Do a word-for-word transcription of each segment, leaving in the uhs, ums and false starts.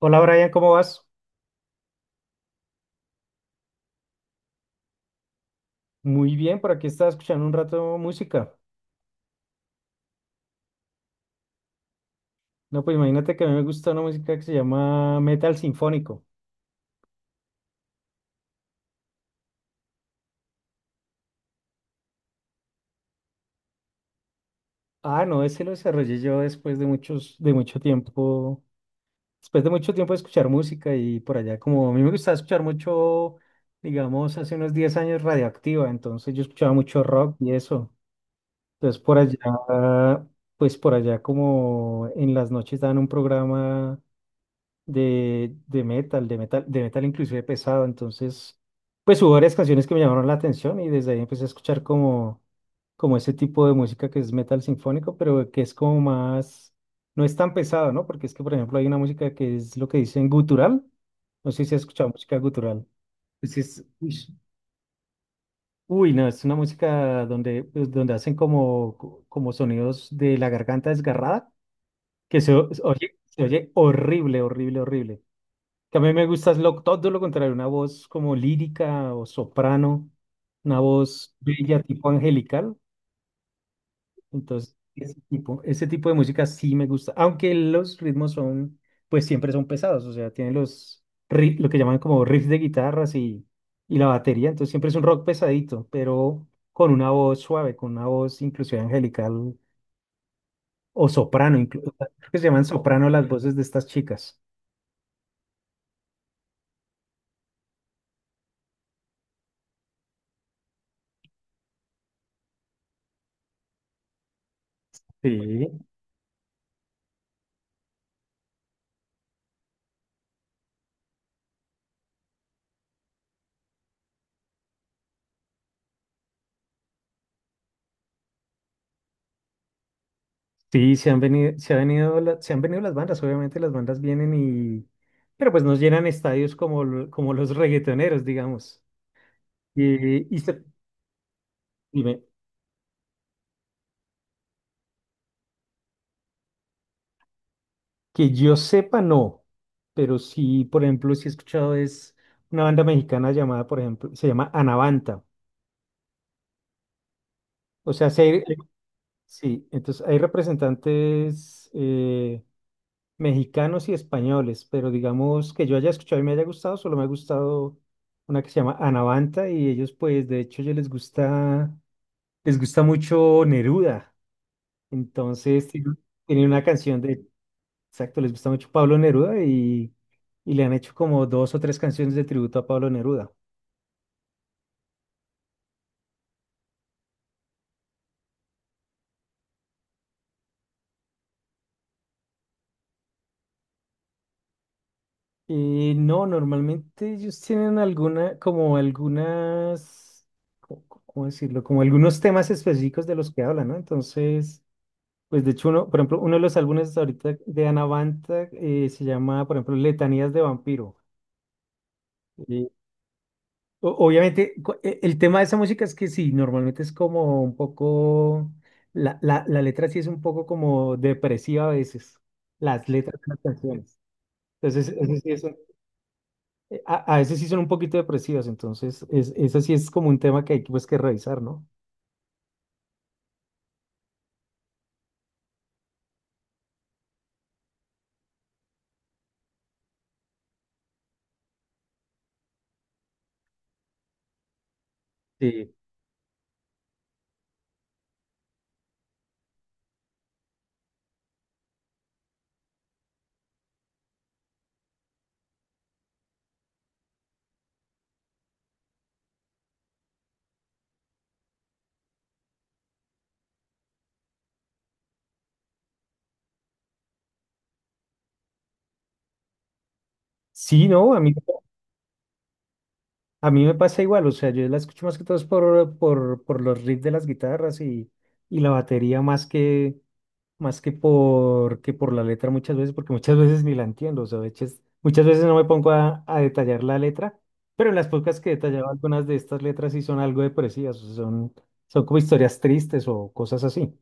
Hola Brian, ¿cómo vas? Muy bien, por aquí estaba escuchando un rato música. No, pues imagínate que a mí me gusta una música que se llama metal sinfónico. Ah, no, ese lo desarrollé yo después de muchos, de mucho tiempo, después de mucho tiempo de escuchar música y por allá, como a mí me gustaba escuchar mucho, digamos, hace unos diez años Radioactiva, entonces yo escuchaba mucho rock y eso. Entonces por allá, pues por allá como en las noches daban un programa de, de metal, de metal, de metal inclusive pesado. Entonces, pues hubo varias canciones que me llamaron la atención y desde ahí empecé a escuchar como, como ese tipo de música que es metal sinfónico, pero que es como más, no es tan pesado, ¿no? Porque es que, por ejemplo, hay una música que es lo que dicen gutural. No sé si has escuchado música gutural. Pues es, uy, uy, no, es una música donde, pues, donde hacen como, co- como sonidos de la garganta desgarrada, que se, o- se oye, se oye horrible, horrible, horrible. Que a mí me gusta es lo- todo lo contrario, una voz como lírica o soprano, una voz bella tipo angelical. Entonces, ese tipo, ese tipo de música sí me gusta, aunque los ritmos son, pues siempre son pesados, o sea, tienen los, ri- lo que llaman como riffs de guitarras y, y la batería, entonces siempre es un rock pesadito, pero con una voz suave, con una voz inclusive angelical o soprano, inclu- creo que se llaman soprano las voces de estas chicas. Sí. Sí, se han venido, se ha venido la- se han venido las bandas, obviamente las bandas vienen y, pero pues nos llenan estadios como, lo- como los reggaetoneros, digamos. Y, y se- Dime, que yo sepa, no, pero sí, por ejemplo, sí he escuchado es una banda mexicana llamada, por ejemplo, se llama Anavanta. O sea, sí, hay- sí, entonces hay representantes, eh, mexicanos y españoles, pero digamos que yo haya escuchado y me haya gustado, solo me ha gustado una que se llama Anavanta y ellos pues de hecho ellos les gusta, les gusta mucho Neruda, entonces tienen tienen una canción de, exacto, les gusta mucho Pablo Neruda y, y le han hecho como dos o tres canciones de tributo a Pablo Neruda. Eh, no, normalmente ellos tienen alguna, como algunas, co- co- ¿cómo decirlo? Como algunos temas específicos de los que hablan, ¿no? Entonces. Pues de hecho, uno, por ejemplo, uno de los álbumes ahorita de Anavanta se llama, por ejemplo, Letanías de Vampiro. Y o- obviamente, cu- e- el tema de esa música es que sí, normalmente es como un poco, la, la, la letra sí es un poco como depresiva a veces, las letras de las canciones. Entonces, ese sí es un- eh, a, a veces sí son un poquito depresivas, entonces, es, eso sí es como un tema que hay que, pues, que revisar, ¿no? Sí. Sí, no, a mí. A mí me pasa igual, o sea, yo la escucho más que todo es por, por, por los riffs de las guitarras y, y la batería más que, más que por, que por la letra muchas veces, porque muchas veces ni la entiendo, o sea, de hecho es- muchas veces no me pongo a, a detallar la letra, pero en las pocas que detallaba algunas de estas letras sí son algo depresivas, o sea, son, son como historias tristes o cosas así.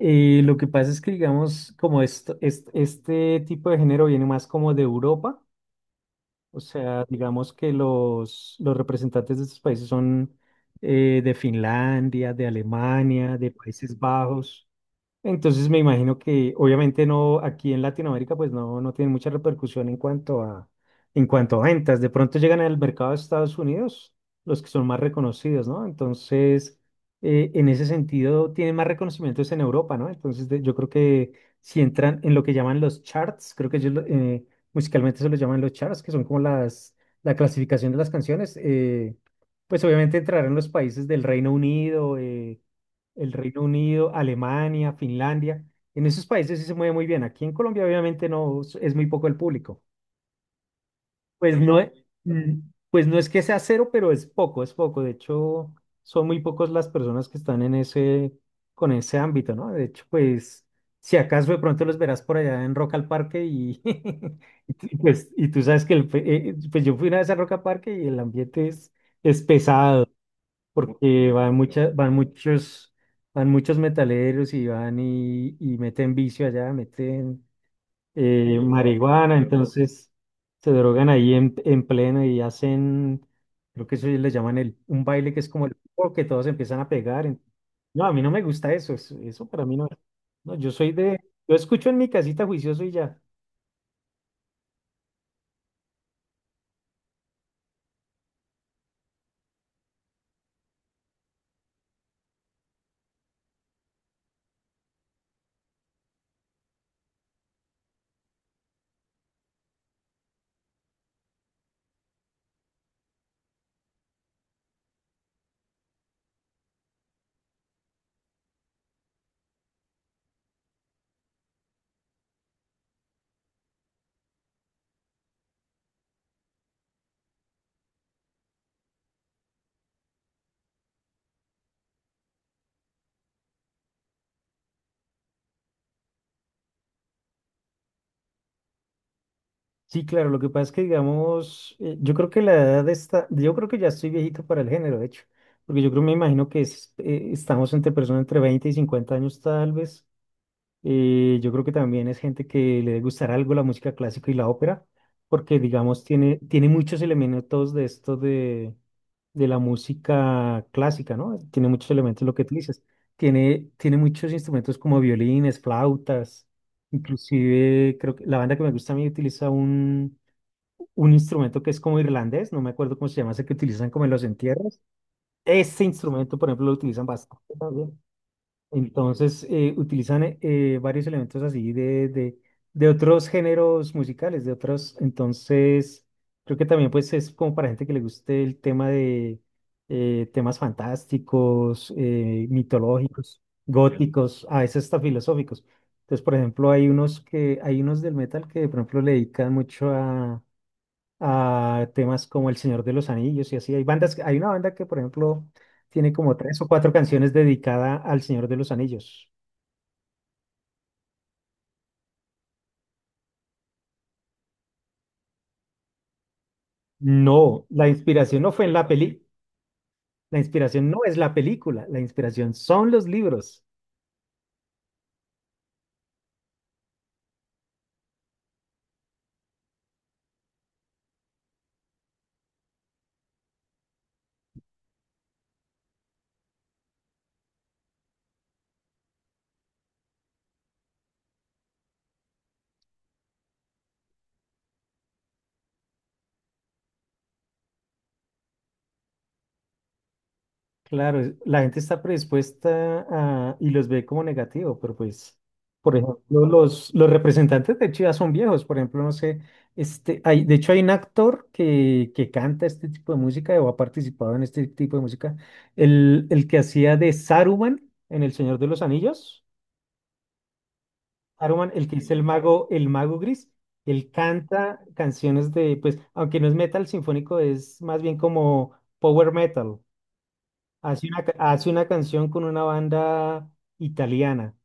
Eh, lo que pasa es que, digamos, como esto, est- este tipo de género viene más como de Europa. O sea, digamos que los, los representantes de estos países son, eh, de Finlandia, de Alemania, de Países Bajos. Entonces me imagino que obviamente no, aquí en Latinoamérica pues no, no tiene mucha repercusión en cuanto a, en cuanto a ventas. De pronto llegan al mercado de Estados Unidos los que son más reconocidos, ¿no? Entonces, eh, en ese sentido, tienen más reconocimientos en Europa, ¿no? Entonces de- yo creo que si entran en lo que llaman los charts, creo que ellos lo- eh, musicalmente se los llaman los charts, que son como las, la clasificación de las canciones, eh, pues obviamente entrarán los países del Reino Unido. Eh, el Reino Unido, Alemania, Finlandia. En esos países sí se mueve muy bien. Aquí en Colombia obviamente no es es muy poco el público. Pues no es, mm, pues no es que sea cero, pero es poco, es poco. De hecho, son muy pocos las personas que están en ese, con ese ámbito, ¿no? De hecho, pues si acaso de pronto los verás por allá en Rock al Parque y, y tú- y pues y tú sabes que el, pe- eh, pues yo fui una vez a Rock al Parque y el ambiente es, es, pesado porque van muchas, van muchos, van muchos metaleros y van y, y meten vicio allá, meten, eh, marihuana, entonces se drogan ahí en, en pleno y hacen, creo que eso le llaman el, un baile que es como el oh, que todos empiezan a pegar. en- No, a mí no me gusta eso, eso, eso para mí no. No, yo soy de, yo escucho en mi casita juicioso y ya. Sí, claro, lo que pasa es que, digamos, eh, yo creo que la edad está, yo creo que ya estoy viejito para el género, de hecho, porque yo creo, me imagino que es, eh, estamos entre personas entre veinte y cincuenta años tal vez. Eh, yo creo que también es gente que le debe gustar algo la música clásica y la ópera, porque, digamos, tiene, tiene muchos elementos de esto de, de la música clásica, ¿no? Tiene muchos elementos, lo que tú dices. Tiene, tiene muchos instrumentos como violines, flautas, inclusive creo que la banda que me gusta a mí utiliza un, un instrumento que es como irlandés, no me acuerdo cómo se llama, ese que utilizan como en los entierros. Ese instrumento, por ejemplo, lo utilizan bastante también. Entonces, eh, utilizan, eh, eh, varios elementos así de, de, de otros géneros musicales, de otros. Entonces, creo que también pues es como para gente que le guste el tema de, eh, temas fantásticos, eh, mitológicos, góticos, a veces hasta filosóficos. Entonces, por ejemplo, hay unos que, hay unos del metal que, por ejemplo, le dedican mucho a a temas como El Señor de los Anillos y así. Hay bandas, que- hay una banda que, por ejemplo, tiene como tres o cuatro canciones dedicada al Señor de los Anillos. No, la inspiración no fue en la peli, la inspiración no es la película, la inspiración son los libros. Claro, es- la gente está predispuesta a, y los ve como negativo, pero pues, por ejemplo, los, los representantes de Chivas son viejos, por ejemplo, no sé, este, hay, de hecho hay un actor que, que canta este tipo de música o ha participado en este tipo de música, el, el que hacía de Saruman en El Señor de los Anillos, Saruman, el que es el mago, el mago gris, él canta canciones de, pues, aunque no es metal sinfónico, es más bien como power metal. Hace una, ca- hace una canción con una banda italiana.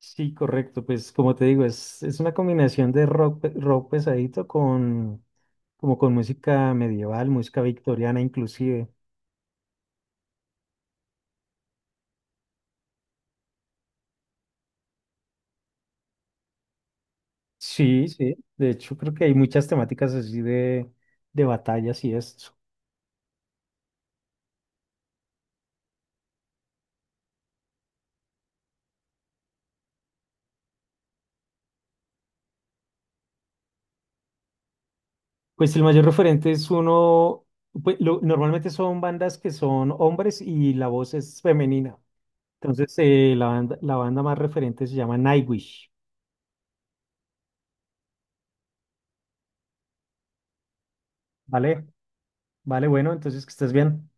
Sí, correcto. Pues como te digo, es, es una combinación de rock, pe- rock pesadito con, como con música medieval, música victoriana inclusive. Sí, sí. De hecho, creo que hay muchas temáticas así de, de batallas y esto. Pues el mayor referente es uno, pues, lo- normalmente son bandas que son hombres y la voz es femenina. Entonces, eh, la banda, la banda más referente se llama Nightwish, ¿vale? Vale, bueno, entonces que estés bien.